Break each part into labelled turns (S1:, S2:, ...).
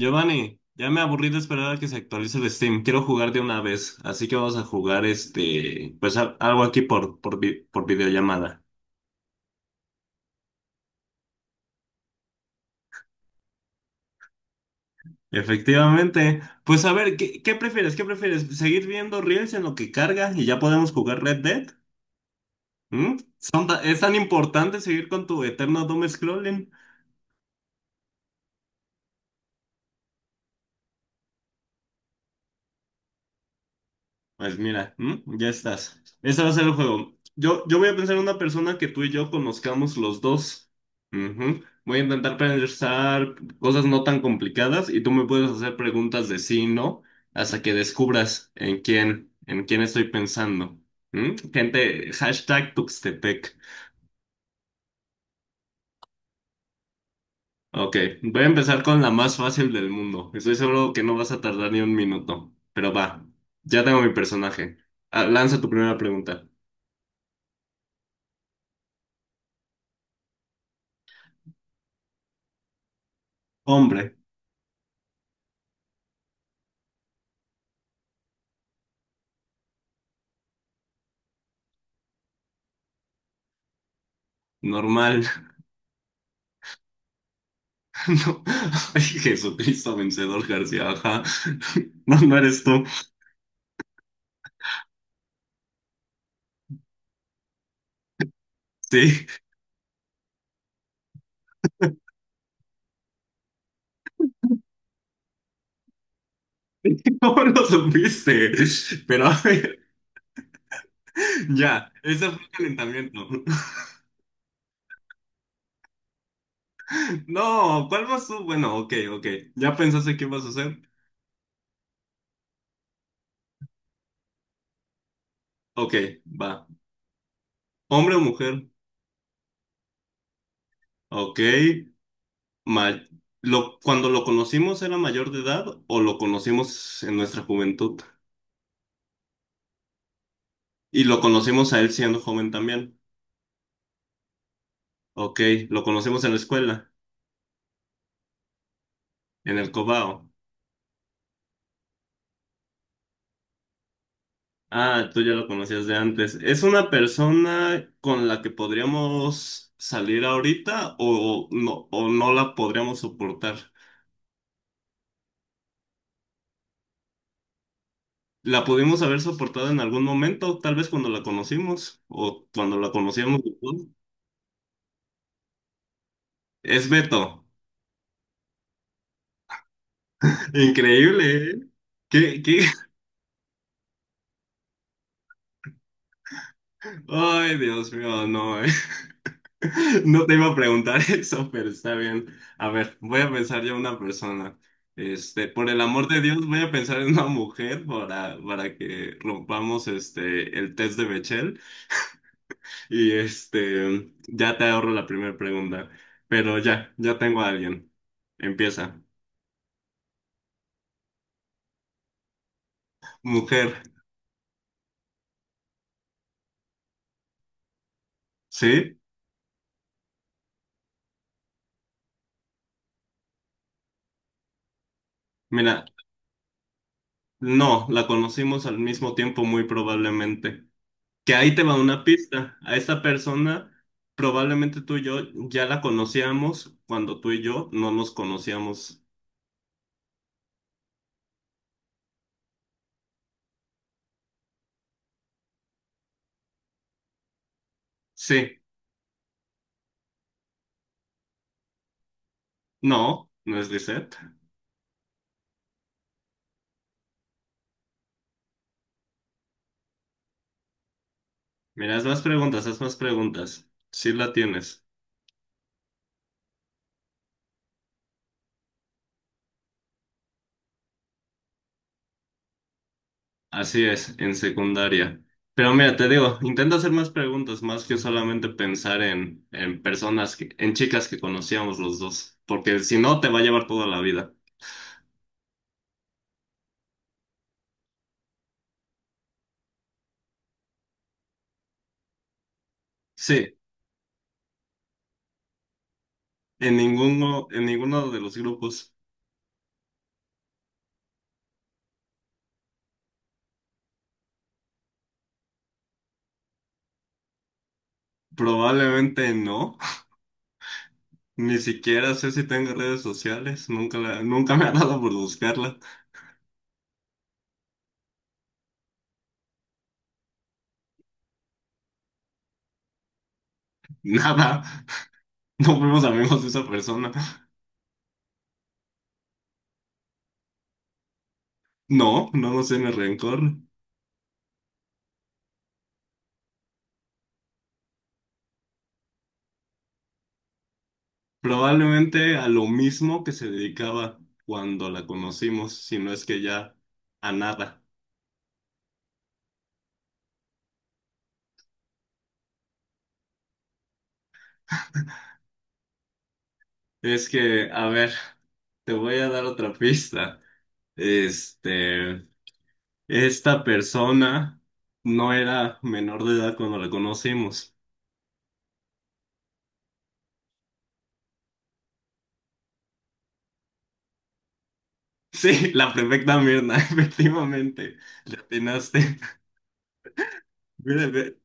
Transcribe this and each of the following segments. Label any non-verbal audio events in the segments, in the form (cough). S1: Giovanni, ya me aburrí de esperar a que se actualice el Steam. Quiero jugar de una vez, así que vamos a jugar algo aquí por videollamada. Efectivamente. Pues a ver, ¿qué prefieres? ¿Qué prefieres? ¿Seguir viendo Reels en lo que carga y ya podemos jugar Red Dead? ¿Mm? ¿Es tan importante seguir con tu eterno doom scrolling? Pues mira, ¿m? Ya estás. Este va a ser el juego. Yo voy a pensar en una persona que tú y yo conozcamos los dos. Ujú. Voy a intentar pensar cosas no tan complicadas y tú me puedes hacer preguntas de sí y no hasta que descubras en quién estoy pensando. ¿M? Gente, hashtag Tuxtepec. Ok, voy a empezar con la más fácil del mundo. Estoy seguro que no vas a tardar ni un minuto, pero va. Ya tengo mi personaje. Ah, lanza tu primera pregunta. Hombre, normal. No, ay, Jesucristo vencedor García, ajá. No, no eres tú. Sí, (laughs) ¿cómo lo supiste? Pero a ver, ya, ese fue el calentamiento. No, ¿cuál vas tú? Bueno, ok, ok. ¿Ya pensaste qué vas a hacer? Ok, va. ¿Hombre o mujer? Ok. Ma- lo, cuando lo conocimos, ¿era mayor de edad o lo conocimos en nuestra juventud? Y lo conocimos a él siendo joven también. Ok, lo conocimos en la escuela, en el Cobao. Ah, tú ya lo conocías de antes. ¿Es una persona con la que podríamos salir ahorita o no la podríamos soportar? ¿La pudimos haber soportado en algún momento? Tal vez cuando la conocimos o cuando la conocíamos después. Es Beto. Increíble, ¿eh? ¿Qué? (laughs) Ay, Dios mío, no, ¿eh? (laughs) No te iba a preguntar (laughs) eso, pero está bien. A ver, voy a pensar yo una persona. Este, por el amor de Dios, voy a pensar en una mujer para que rompamos este, el test de Bechdel y este, ya te ahorro la primera pregunta. Pero ya tengo a alguien. Empieza. Mujer, ¿sí? Mira, no, la conocimos al mismo tiempo muy probablemente. Que ahí te va una pista. A esa persona probablemente tú y yo ya la conocíamos cuando tú y yo no nos conocíamos. Sí, no, no es Lisette. Mira, haz más preguntas, haz más preguntas. Sí la tienes. Así es, en secundaria. Pero mira, te digo, intenta hacer más preguntas, más que solamente pensar en personas, en chicas que conocíamos los dos, porque si no te va a llevar toda la vida. Sí, en ninguno de los grupos. Probablemente no. Ni siquiera sé si tengo redes sociales, nunca me ha dado por buscarla. (laughs) Nada, no fuimos amigos de esa persona. No, no nos tiene rencor. Probablemente a lo mismo que se dedicaba cuando la conocimos, si no es que ya a nada. Es que, a ver, te voy a dar otra pista. Este, esta persona no era menor de edad cuando la conocimos. Sí, la perfecta Mirna, (laughs) efectivamente, le atinaste. Mira,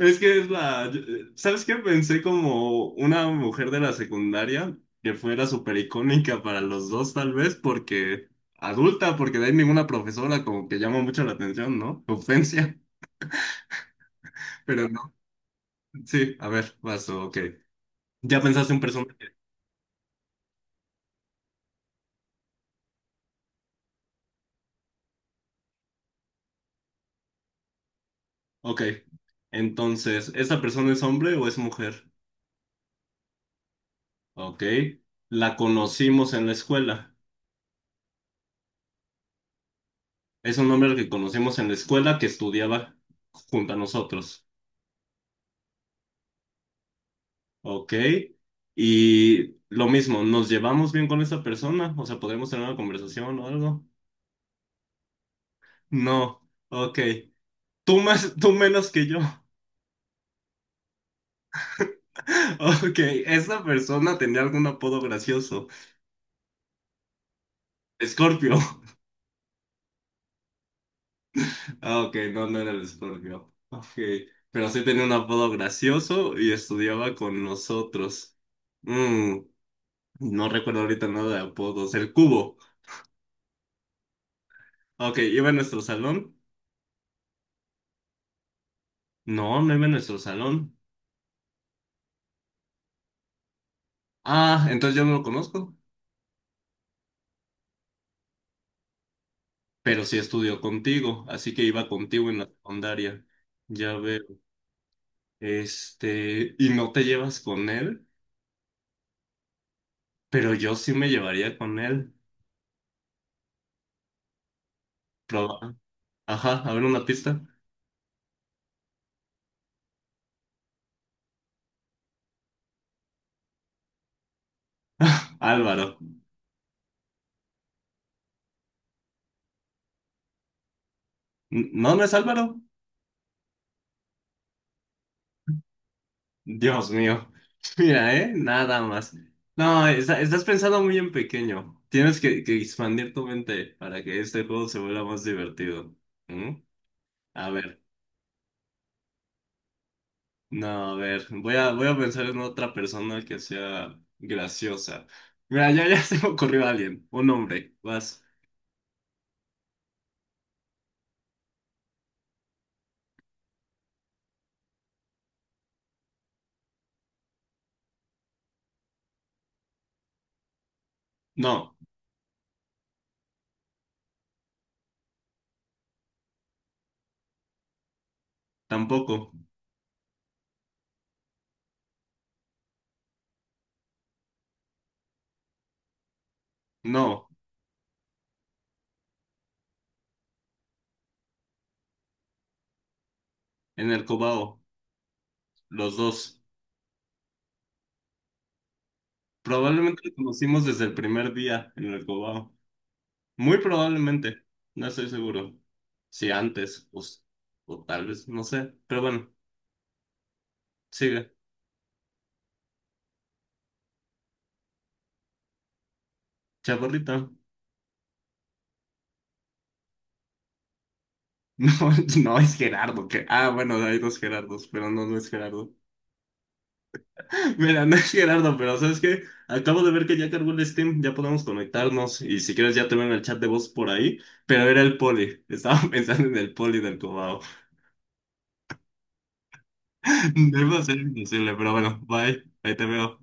S1: es que es la... ¿Sabes qué? Pensé como una mujer de la secundaria que fuera súper icónica para los dos, tal vez, porque adulta, porque de ahí ninguna profesora como que llama mucho la atención, ¿no? Ofensia, pero no. Sí, a ver, paso, ok. ¿Ya pensaste un personaje? Ok. Entonces, ¿esta persona es hombre o es mujer? Ok. La conocimos en la escuela. Es un nombre que conocemos en la escuela que estudiaba junto a nosotros. Ok. Y lo mismo, ¿nos llevamos bien con esa persona? O sea, ¿podremos tener una conversación o algo? No. Ok. Tú más, tú menos que yo. (laughs) Ok, esa persona tenía algún apodo gracioso. Escorpio. (laughs) Ah, ok, no, no era el Escorpio. Ok, pero sí tenía un apodo gracioso y estudiaba con nosotros. Mm, no recuerdo ahorita nada de apodos. El cubo. Ok, ¿iba en nuestro salón? No, no iba en nuestro salón. Ah, entonces yo no lo conozco, pero sí estudió contigo, así que iba contigo en la secundaria. Ya veo. Este, y no te llevas con él, pero yo sí me llevaría con él. Proba- Ajá, a ver una pista. Álvaro. No, no es Álvaro. Dios mío. (laughs) Mira, ¿eh? Nada más. No, estás pensando muy en pequeño. Tienes que expandir tu mente para que este juego se vuelva más divertido. ¿Mm? A ver, no, a ver, voy a pensar en otra persona que sea graciosa. Mira, ya, (laughs) ya se me ocurrió alguien, un hombre, vas. No, tampoco, no, en el Cobao, los dos. Probablemente lo conocimos desde el primer día en el Cobao. Muy probablemente, no estoy seguro. Si antes, pues, o tal vez, no sé, pero bueno, sigue. Chaparrita. (laughs) No, no es Gerardo, que, ah, bueno, hay dos Gerardos, pero no, no es Gerardo. Mira, no es Gerardo, pero ¿sabes qué? Acabo de ver que ya cargó el Steam, ya podemos conectarnos y si quieres ya te ven el chat de voz por ahí, pero era el poli, (laughs) estaba pensando en el poli del Cobao. (laughs) Debo ser imposible, pero bueno, bye, ahí te veo.